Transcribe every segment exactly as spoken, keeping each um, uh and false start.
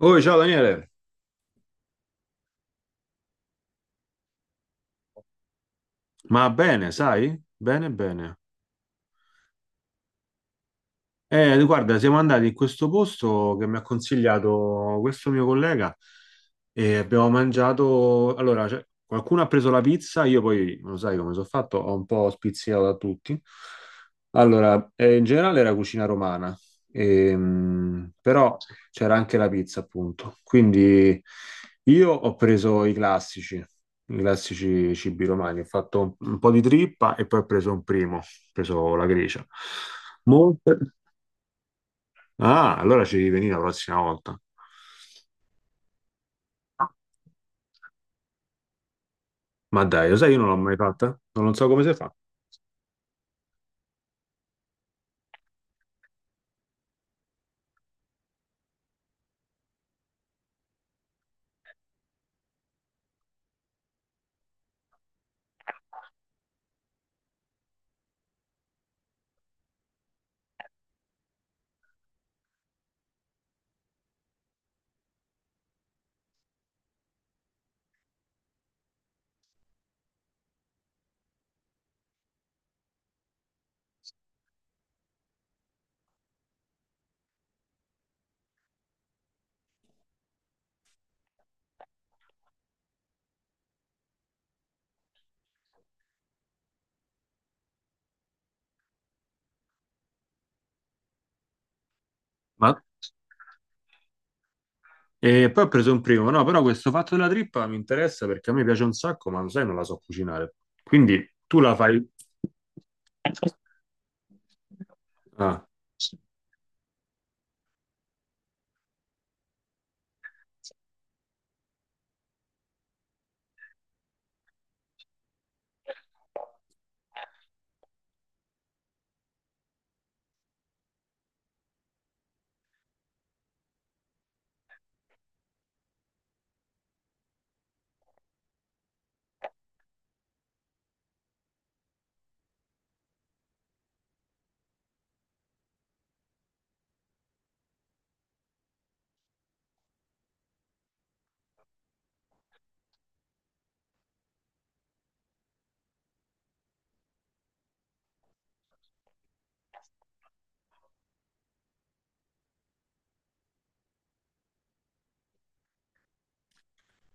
Oh, ciao Daniele, ma bene, sai? Bene, bene. Eh, guarda, siamo andati in questo posto che mi ha consigliato questo mio collega e abbiamo mangiato. Allora, cioè, qualcuno ha preso la pizza, io poi, lo sai come sono fatto, ho un po' spizzicato da tutti. Allora, eh, in generale era cucina romana, ehm, però c'era anche la pizza, appunto. Quindi io ho preso i classici, i classici cibi romani, ho fatto un, un po' di trippa e poi ho preso un primo, ho preso la gricia. Molte. Ah, allora ci riveni la prossima volta. Ma dai, lo sai, io non l'ho mai fatta, non lo so come si fa. Ma... E poi ho preso un primo, no, però questo fatto della trippa mi interessa perché a me piace un sacco, ma lo sai, non la so cucinare. Quindi tu la fai... Ah,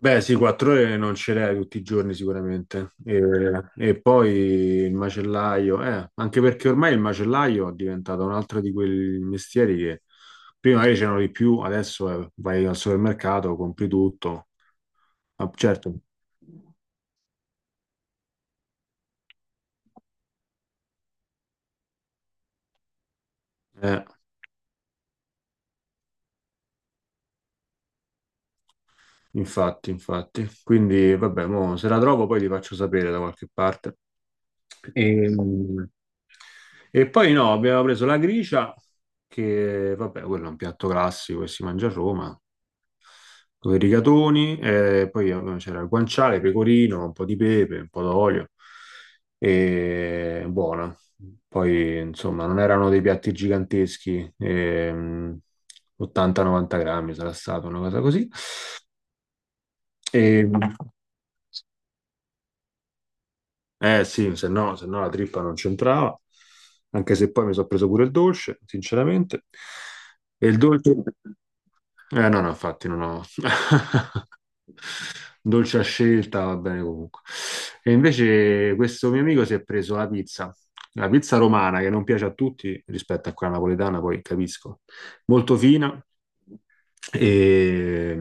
beh, sì, quattro ore non ce l'hai tutti i giorni sicuramente. E, e poi il macellaio, eh, anche perché ormai il macellaio è diventato un altro di quei mestieri che prima magari c'erano di più, adesso eh, vai al supermercato, compri tutto. Ah, certo, eh, infatti, infatti. Quindi, vabbè, mo, se la trovo poi ti faccio sapere da qualche parte. E, e poi no, abbiamo preso la gricia, che vabbè, quello è un piatto classico che si mangia a Roma. Con i rigatoni, e poi vabbè, c'era il guanciale, pecorino, un po' di pepe, un po' d'olio, e buona. Poi, insomma, non erano dei piatti giganteschi, ehm, ottanta novanta grammi sarà stato, una cosa così. E, eh sì, se no, se no la trippa non c'entrava, anche se poi mi sono preso pure il dolce, sinceramente. E il dolce... Eh no, no, infatti non ho... Dolce a scelta, va bene comunque. E invece questo mio amico si è preso la pizza, la pizza romana che non piace a tutti rispetto a quella napoletana, poi capisco. Molto fina. E...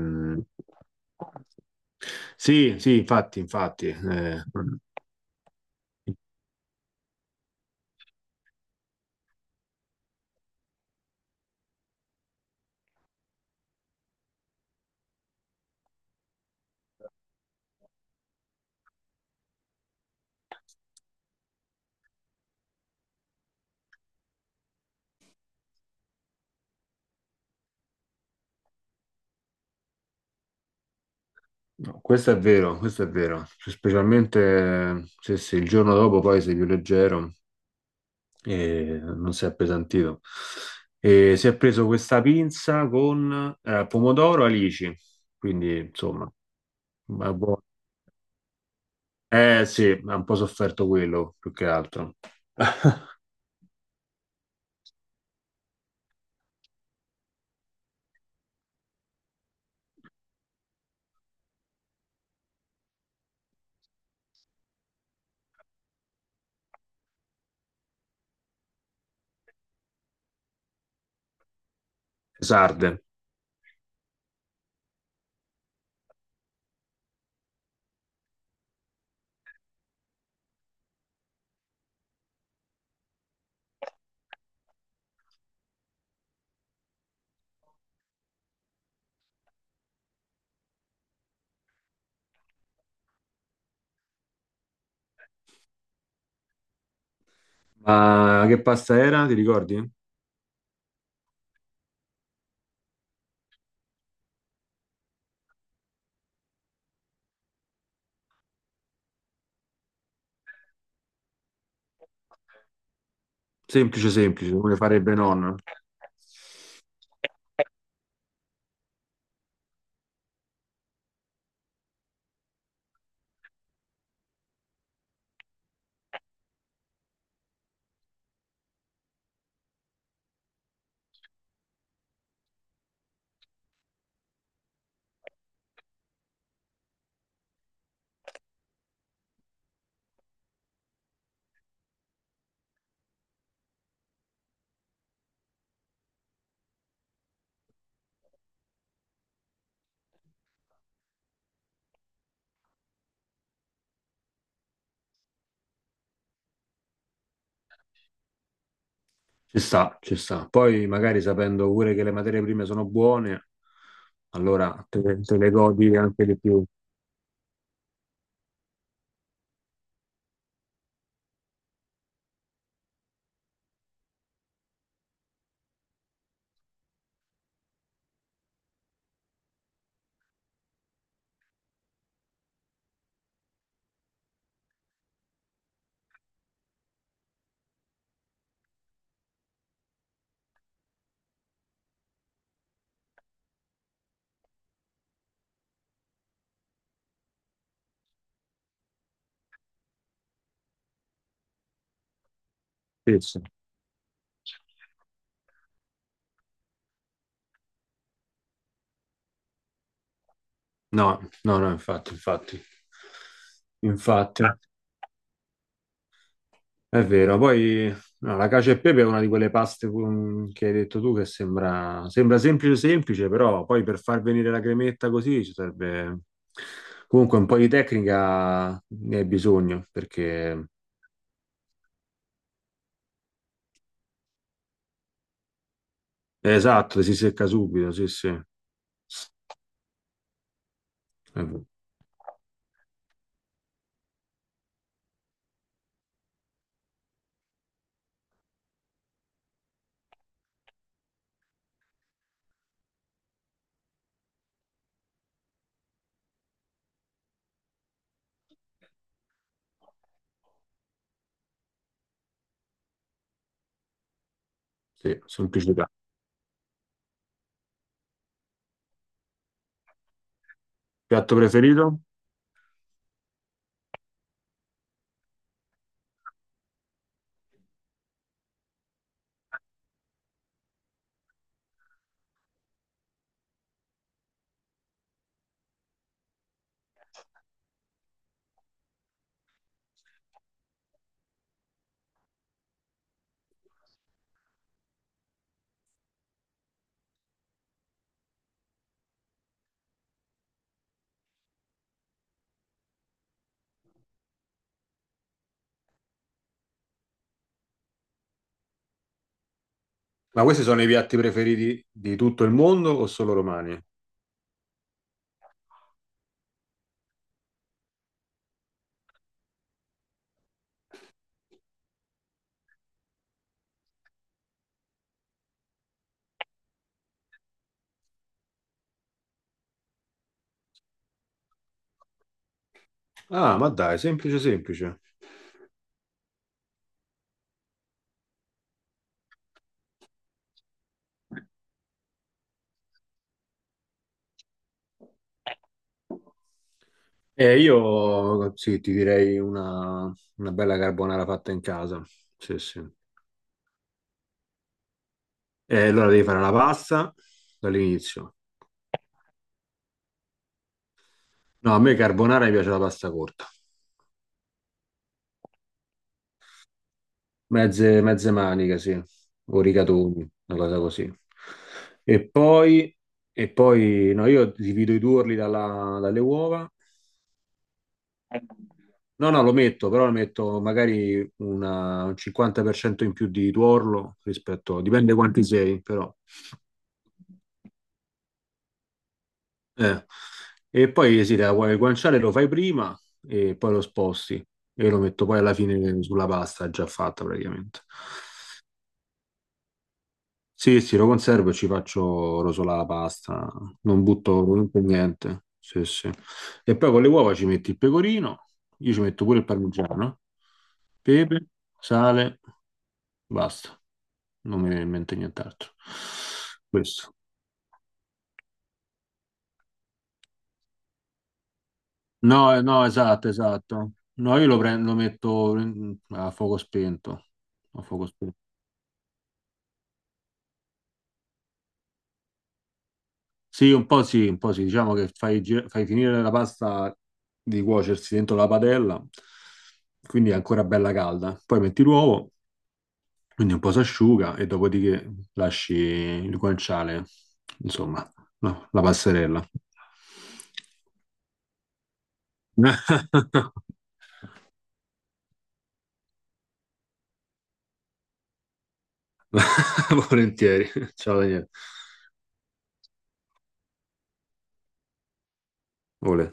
Sì, sì, infatti, infatti. Eh, no, questo è vero, questo è vero. Specialmente eh, se, se il giorno dopo poi sei più leggero e non si è appesantito. E si è preso questa pinza con eh, pomodoro alici, quindi insomma, ma buono. Eh sì, ha un po' sofferto quello più che altro. Sarde. Ma che pasta era? Ti ricordi? Semplice, semplice, come le farebbe nonna. Ci sta, ci sta. Poi magari sapendo pure che le materie prime sono buone, allora te, te le godi anche di più. Sì, sì. No, no, no, infatti, infatti, infatti, ah, è vero. Poi no, la cacio e pepe è una di quelle paste con- che hai detto tu che sembra, sembra semplice, semplice, però poi per far venire la cremetta così ci serve comunque un po' di tecnica, ne hai bisogno, perché è esatto, si secca subito, sì, sì, è vero. Sì, semplicità. Piatto preferito? Ma questi sono i piatti preferiti di tutto il mondo o solo romani? Ah, ma dai, semplice, semplice. Eh, io sì, ti direi una, una bella carbonara fatta in casa. Sì, sì. E allora devi fare la pasta dall'inizio. No, a me carbonara mi piace la pasta corta, mezze, mezze maniche, sì, o rigatoni, una cosa così. E poi, e poi no, io divido i tuorli dalla- dalle uova. No, no, lo metto, però lo metto magari una- un cinquanta per cento in più di tuorlo rispetto, dipende quanti sei, però. Eh. E poi sì, la- il guanciale lo fai prima e poi lo sposti e lo metto poi alla fine sulla pasta già fatta praticamente. Sì, sì, lo conservo e ci faccio rosolare la pasta, non butto comunque niente. Sì, sì. E poi con le uova ci metti il pecorino, io ci metto pure il parmigiano, pepe, sale, basta. Non mi viene in mente nient'altro. Questo. No, eh, no, esatto, esatto. No, io lo prendo, lo metto in- a fuoco spento. A fuoco spento. Sì, un po' sì, un po' sì. Diciamo che fai, gi- fai finire la pasta di cuocersi dentro la padella, quindi è ancora bella calda. Poi metti l'uovo, quindi un po' si asciuga e dopodiché lasci il guanciale, insomma, no, la passerella. Volentieri. Ciao Daniele. Ole.